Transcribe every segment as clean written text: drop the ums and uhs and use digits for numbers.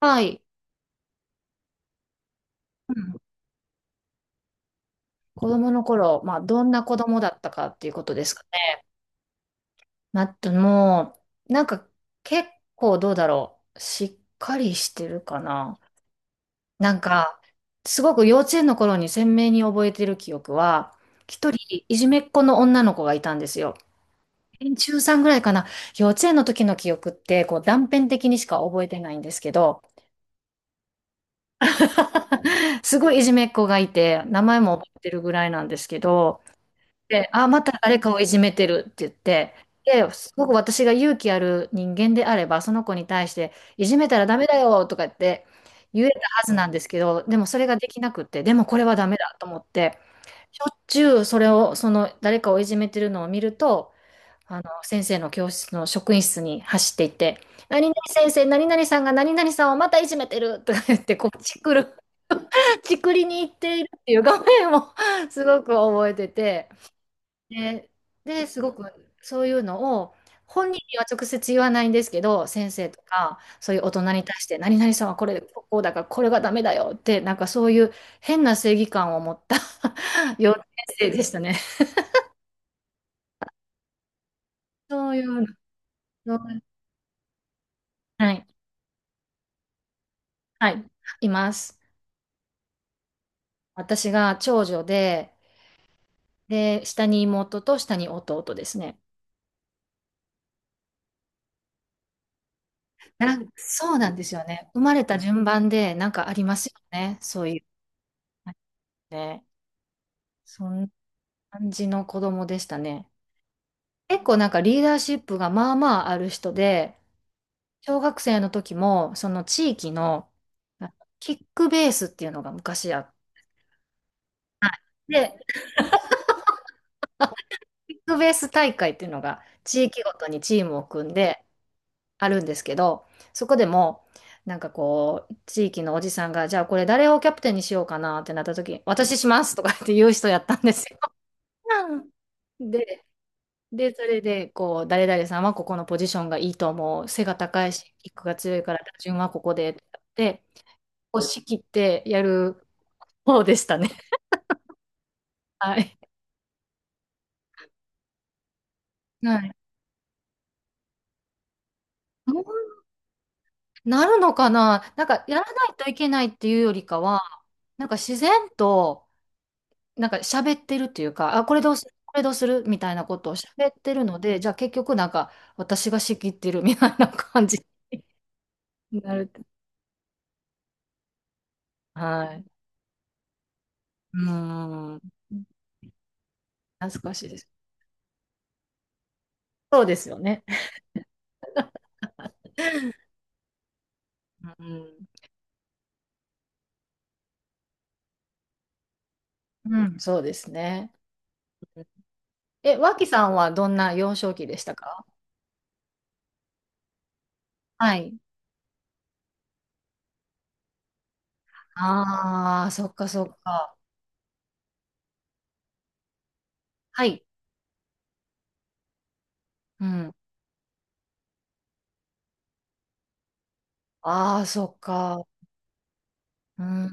はい。うん子供の頃、まあ、どんな子供だったかっていうことですかね。まあ、あともう、なんか、結構どうだろう。しっかりしてるかな。なんか、すごく幼稚園の頃に鮮明に覚えてる記憶は、一人、いじめっ子の女の子がいたんですよ。中さんぐらいかな。幼稚園の時の記憶って、こう、断片的にしか覚えてないんですけど、すごいいじめっ子がいて、名前も覚えてるぐらいなんですけど、で、あ、また誰かをいじめてるって言って、で、すごく私が勇気ある人間であれば、その子に対して、いじめたらダメだよとか言って言えたはずなんですけど、でもそれができなくって、でもこれはダメだと思って、しょっちゅうそれを、その誰かをいじめてるのを見ると、あの、先生の教室の職員室に走っていって、何々先生、何々さんが何々さんをまたいじめてるとか言って、こう、チクる、チクりに行っているっていう画面をすごく覚えてて、で、で、すごくそういうのを本人には直接言わないんですけど、先生とかそういう大人に対して、何々さんはこれ、こうだからこれがダメだよって、なんかそういう変な正義感を持った 幼稚園生でしたね。そういうの、はい、はい、います。私が長女で、で、下に妹と下に弟ですね。そうなんですよね。生まれた順番でなんかありますよね。そういう。ね。そんな感じの子供でしたね。結構なんかリーダーシップがまあまあある人で、小学生の時もその地域のあキックベースっていうのが昔あって、はい。で、キックベース大会っていうのが地域ごとにチームを組んであるんですけど、そこでもなんかこう、地域のおじさんが、じゃあこれ誰をキャプテンにしようかなってなった時に、私しますとかって言う人やったんですよ。うん。で、で、それで、こう、誰々さんはここのポジションがいいと思う。背が高いし、キックが強いから、打順はここで、で、押し切ってやる方でしたね。はい。はい。そうなるのかな、なんか、やらないといけないっていうよりかは、なんか自然と、なんか喋ってるっていうか、あ、これどうする、これどうするみたいなことを喋ってるので、じゃあ結局なんか、私が仕切ってるみたいな感じに なる。はい。うーん。懐かしいです。そうですよね。うん。うん、そうですね。え、脇さんはどんな幼少期でしたか？はい。ああ、そっかそっか。はい。うん。ああ、そっか。うん、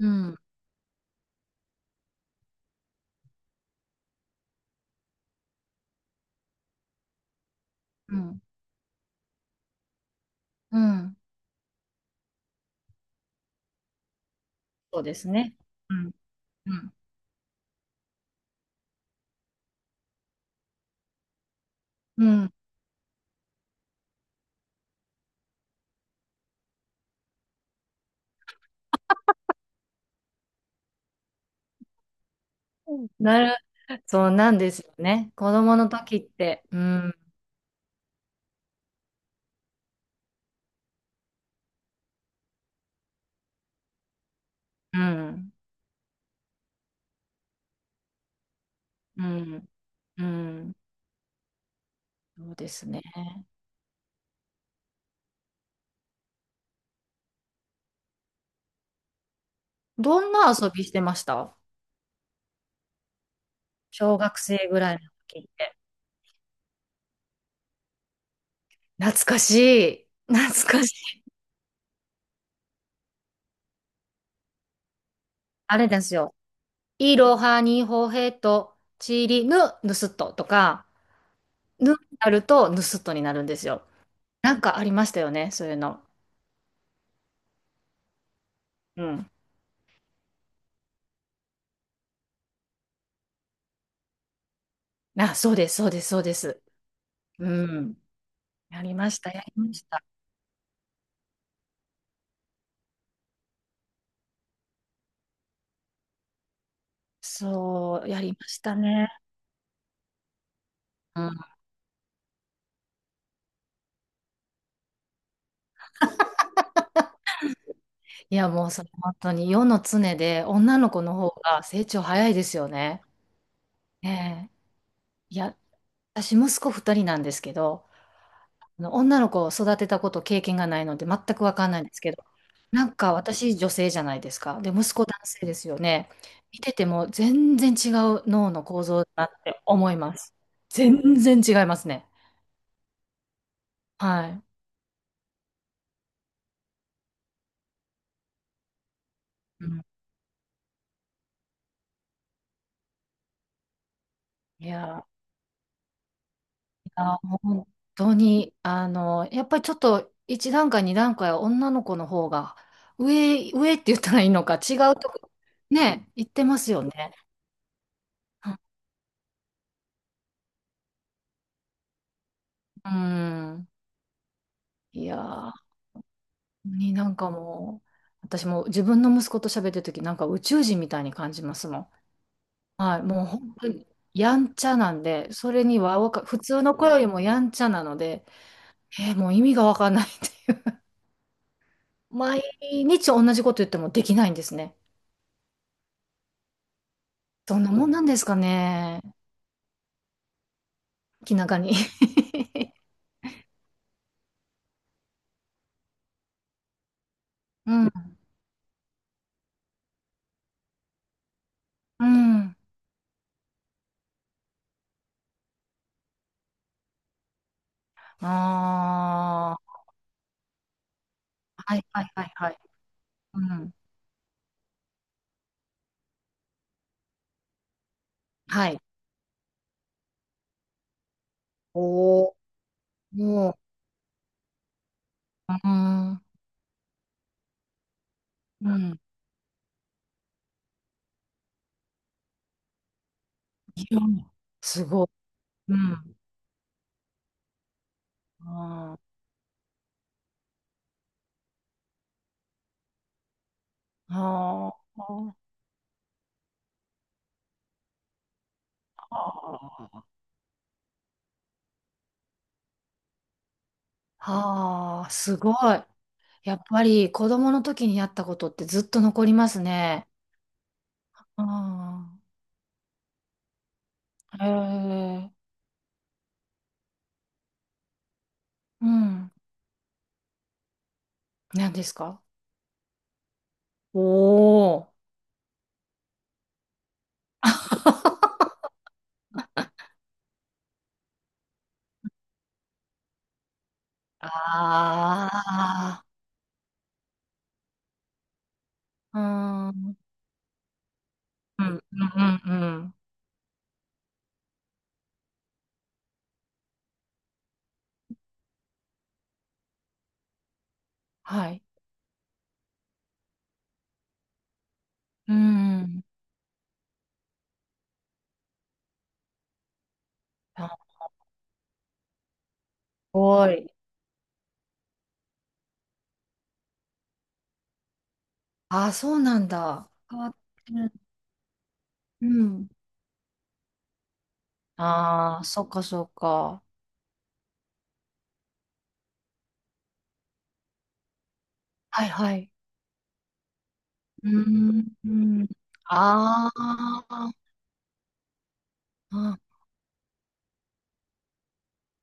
うん、うん、うん。そうですね。うん、うん、うん。なる、そうなんですよね。子供の時って。うん、うん、うん、うん。そうですね。どんな遊びしてました？小学生ぐらいの時って。懐かしい。懐かしい。あれですよ。イロハニホヘとチリヌ、ヌスットとか、ヌになるとヌスットになるんですよ。なんかありましたよね、そういうの。うん。あ、そうです、そうです、そうです。うん。やりました、やりました。そう、やりましたね。うん。いや、もうそれ本当に世の常で女の子の方が成長早いですよね。ねえ。いや、私息子二人なんですけど、あの女の子を育てたこと経験がないので全くわかんないんですけど、なんか私女性じゃないですか。で、息子男性ですよね。見てても全然違う脳の構造だなって思います。全然違いますね。はい。うん、いやー本当に、あの、やっぱりちょっと一段階、二段階は女の子の方が上、上って言ったらいいのか、違うとこ、ね、言ってますよね。うん。いやーに、なんかもう、私も自分の息子と喋ってる時なんか宇宙人みたいに感じますもん。はい、もう本当にやんちゃなんで、それにはわか、普通の子よりもやんちゃなので、えーもう意味がわかんないっていう。毎日同じこと言ってもできないんですね。どんなもんなんですかね。気長に。うん、うん。ああ、はいはいはいはい。うん。はい。おお、もう、うん、うん。いやすごい。うん。あーあー、はあ、はあー、すごい。やっぱり子供の時にやったことってずっと残りますね。ああ、へえ、うん。何ですか？おおー。ああ、うん、うん、うん、うん。うん。はい。うん。あ、すごい。ああ、そうなんだ。変わってる。うん。ああ、そっか、そっか。はい、はい。うーん。ああ、あ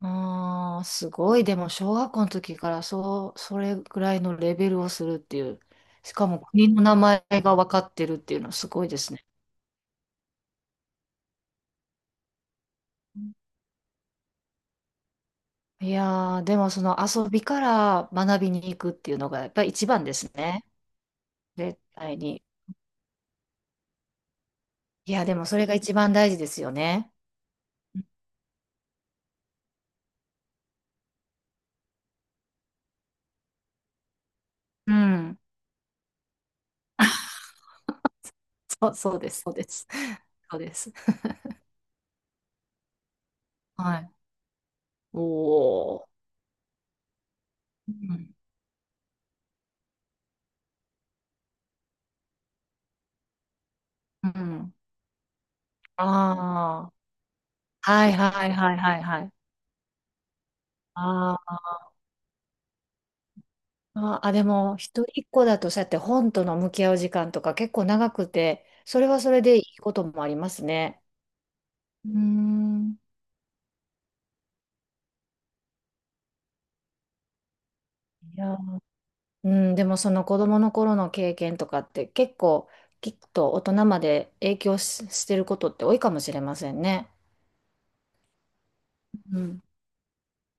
あー、すごい。でも、小学校の時からそう、それぐらいのレベルをするっていう。しかも、国の名前が分かってるっていうのはすごいですね。いやー、でも、その遊びから学びに行くっていうのが、やっぱり一番ですね。絶対に。いや、でも、それが一番大事ですよね。うん。そう、そうです、そうです。そうです。はい。おー。うん。うん。ああ、はいはいはいはいはい。ああ、あ、でも一人っ子だとそうやって本との向き合う時間とか結構長くて、それはそれでいいこともありますね。うーん。いや、うん、でもその子供の頃の経験とかって結構きっと大人まで影響し、してることって多いかもしれませんね。うん。